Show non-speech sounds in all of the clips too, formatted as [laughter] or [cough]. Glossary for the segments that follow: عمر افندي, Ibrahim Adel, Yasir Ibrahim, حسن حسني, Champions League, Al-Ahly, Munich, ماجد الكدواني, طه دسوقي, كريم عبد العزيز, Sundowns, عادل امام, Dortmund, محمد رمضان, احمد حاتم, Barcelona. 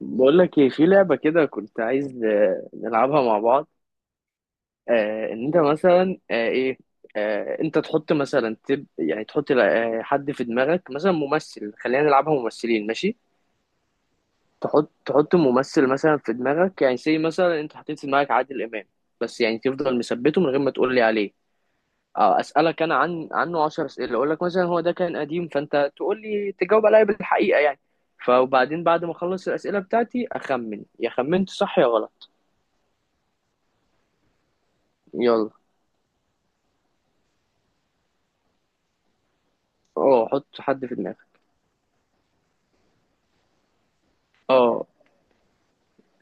بقول لك ايه في لعبة كده كنت عايز نلعبها مع بعض. آه ان انت مثلا آه ايه انت تحط مثلا يعني تحط حد في دماغك، مثلا ممثل. خلينا نلعبها ممثلين، ماشي. تحط ممثل مثلا في دماغك، يعني زي مثلا انت حطيت في دماغك عادل امام، بس يعني تفضل مثبته من غير ما تقول لي عليه. اسالك انا عنه 10 اسئله، اقول لك مثلا هو ده كان قديم، فانت تقول لي تجاوب عليا بالحقيقه يعني، فوبعدين بعد ما اخلص الاسئله بتاعتي اخمن، يا خمنت صح يا غلط. يلا. اه، حط حد في دماغك. اه.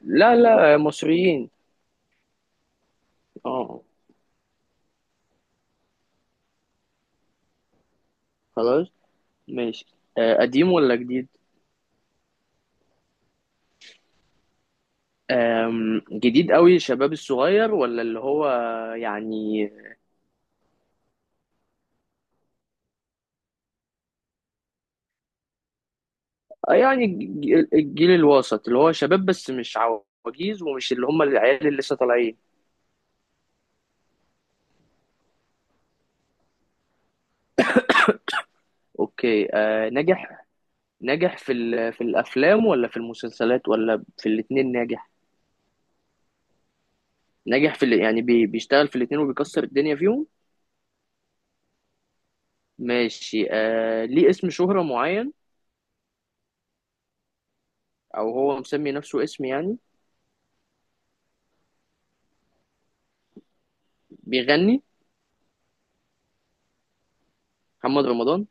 لا، لا، مصريين. اه. خلاص. ماشي. قديم ولا جديد؟ جديد قوي، الشباب الصغير ولا اللي هو يعني؟ يعني الجيل الوسط اللي هو شباب، بس مش عواجيز ومش اللي هم العيال اللي لسه طالعين. اوكي. نجح في في الافلام ولا في المسلسلات، ولا في الاتنين ناجح؟ ناجح في يعني بيشتغل في الاتنين وبيكسر الدنيا فيهم. ماشي. ليه اسم شهرة معين، او هو مسمي نفسه اسم يعني؟ بيغني؟ محمد رمضان.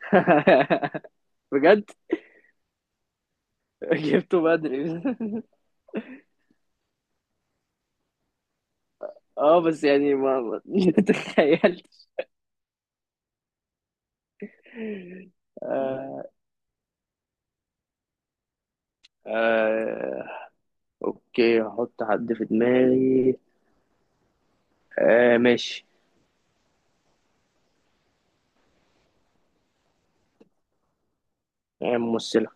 [laughs] بجد؟ جبته بدري. [laughs] اه، بس يعني ما [laughs] تخيلت. آه. آه اوكي، هحط حد في دماغي. ماشي. ممثلة.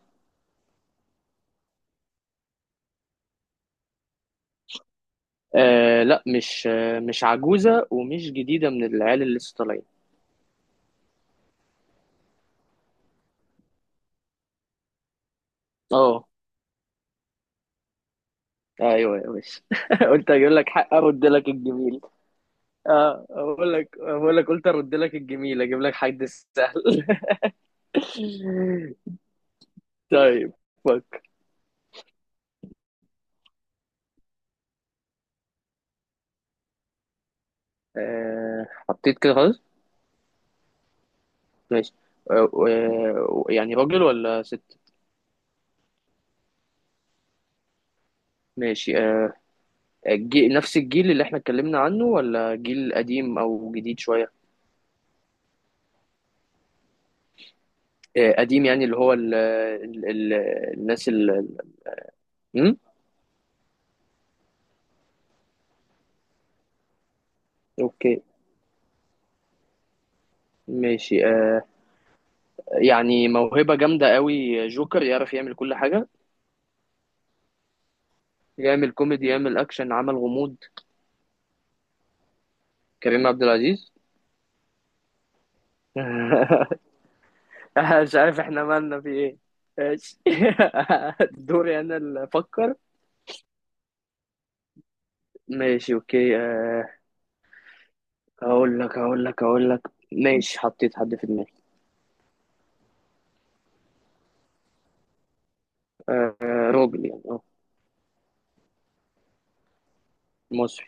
لا، مش عجوزة، ومش جديدة من العيال اللي لسه طالعين. اه. ايوه يا باشا، [laughs] قلت اجيب لك حق ارد لك الجميل. اه، بقول لك قلت ارد لك الجميل، اجيب لك حد سهل. [laughs] طيب. فك. حطيت كده خلاص. ماشي. يعني راجل ولا ست؟ ماشي. نفس الجيل اللي احنا اتكلمنا عنه، ولا جيل قديم او جديد شوية؟ قديم، يعني اللي هو الناس م? اوكي ماشي. يعني موهبة جامدة قوي، جوكر يعرف يعمل كل حاجة، يعمل كوميدي، يعمل اكشن، عمل غموض. كريم عبد العزيز. [laughs] مش عارف احنا مالنا في ايه. ماشي. [laughs] دوري انا اللي افكر. ماشي اوكي. هقول لك. ماشي، حطيت حد في دماغي. آه، راجل يعني، اه. مصري.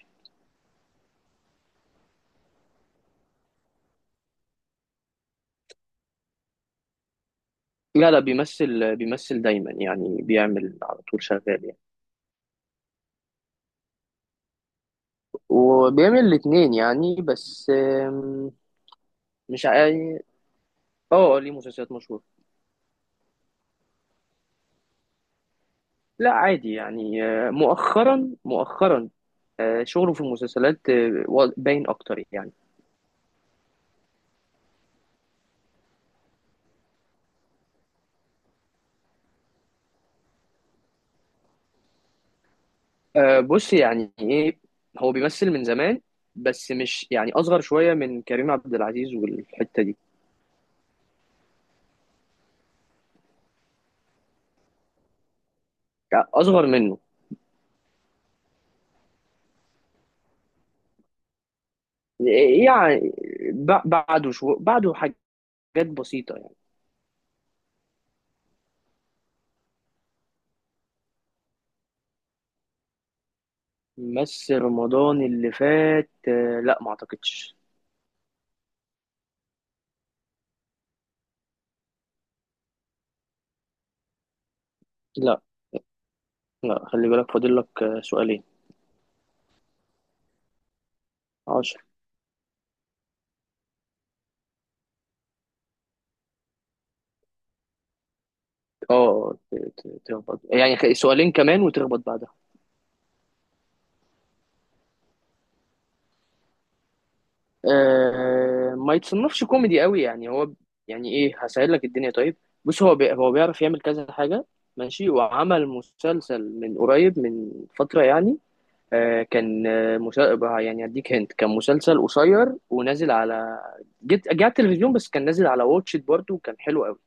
لا، لا، بيمثل دايما، يعني بيعمل على طول، شغال يعني. وبيعمل الاتنين يعني، بس مش عاي... اه، ليه مسلسلات مشهورة. لا عادي يعني، مؤخرا مؤخرا شغله في المسلسلات باين اكتر يعني. أه، بص يعني ايه، هو بيمثل من زمان، بس مش يعني، اصغر شويه من كريم عبد العزيز والحته دي. يعني اصغر منه. إيه، يعني بعده شو بعده حاجات بسيطه يعني. بس رمضان اللي فات لا، ما اعتقدش. لا، لا، خلي بالك، فاضل لك سؤالين. عشر. اه، تخبط يعني، سؤالين كمان وتخبط بعد. ما يتصنفش كوميدي قوي يعني هو، يعني ايه، هسهل لك الدنيا طيب. بص، هو بيعرف يعمل كذا حاجة، ماشي، وعمل مسلسل من قريب، من فترة يعني. كان يعني هديك هنت، كان مسلسل قصير ونازل على، جه على التلفزيون، بس كان نازل على واتش إت برضه وكان حلو قوي.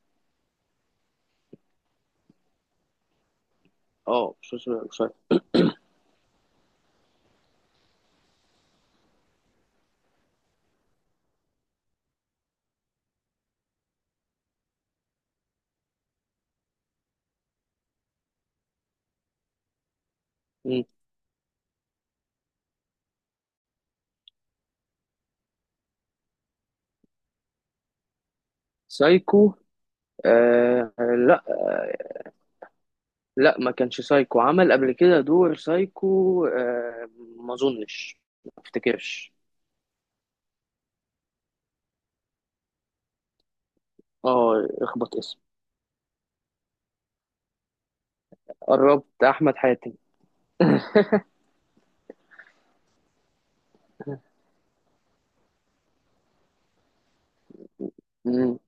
اه، مسلسل قصير. مم. سايكو. لا، لا، ما كانش سايكو، عمل قبل كده دور سايكو ما اظنش، ما افتكرش. اه، اخبط اسم. قربت، احمد حاتم. مم.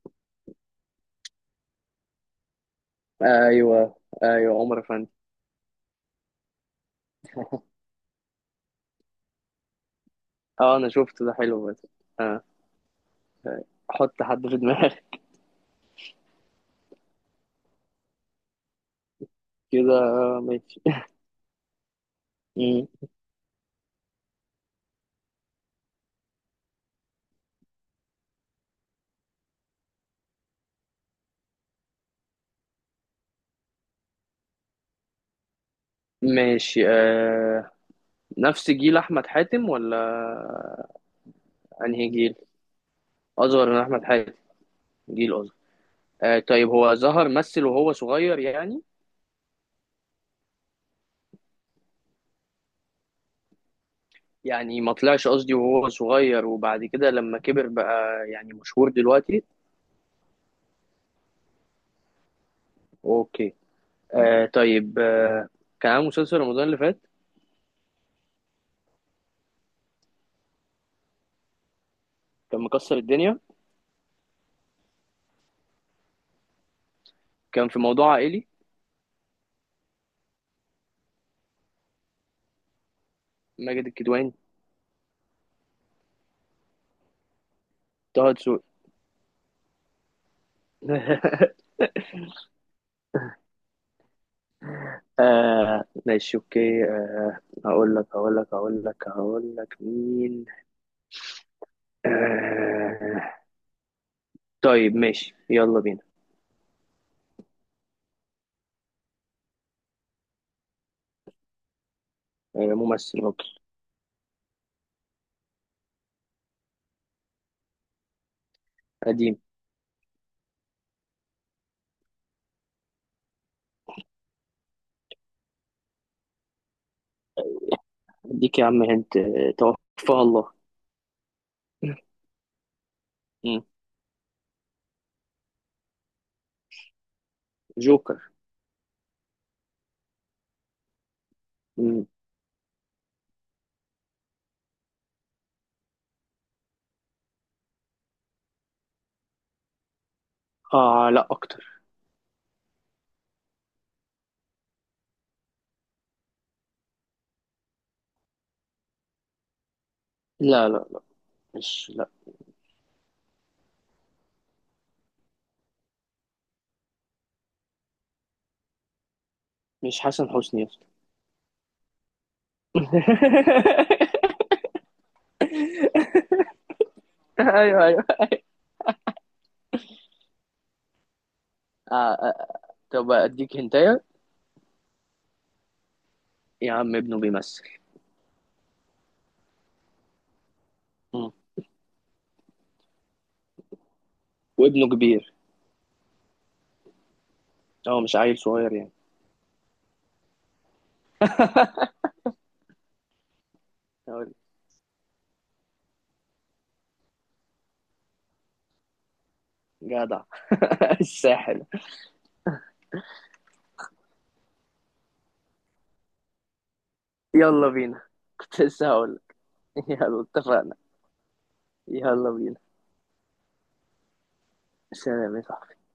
ايوه، ايوه. عمر افندي. [laughs] اه، انا شفته ده، حلو بس. آه. احط حد في دماغي. [laughs] كده، ماشي. مم. ماشي. نفس جيل احمد حاتم ولا؟ انهي جيل؟ اصغر من احمد حاتم؟ جيل اصغر. طيب، هو ظهر مثل وهو صغير يعني؟ يعني ما طلعش، قصدي وهو صغير وبعد كده لما كبر بقى. يعني مشهور دلوقتي؟ اوكي. طيب. كان عامل مسلسل رمضان اللي فات، كان مكسر الدنيا، كان في موضوع عائلي، ماجد الكدواني، طه دسوقي. [laughs] ماشي اوكي. هقول لك مين. آه طيب، ماشي يلا بينا. ممثل راجل. قديم. اديك يا عم، هنت، توفاه الله. [laughs] مم. جوكر. مم. اه، لا اكتر. لا، لا، لا. مش، لا. مش حسن حسني يا اسطى؟ [laughs] ايوه، ايوه. آه آه. طب اديك هنتايه. يا عم، ابنه بيمثل، وابنه كبير، هو مش عيل صغير يعني. هقول- جدع. [laughs] الساحل. يلا بينا. كنت لسه هقول. يلا، اتفقنا. يلا بينا. سلام يا صاحبي.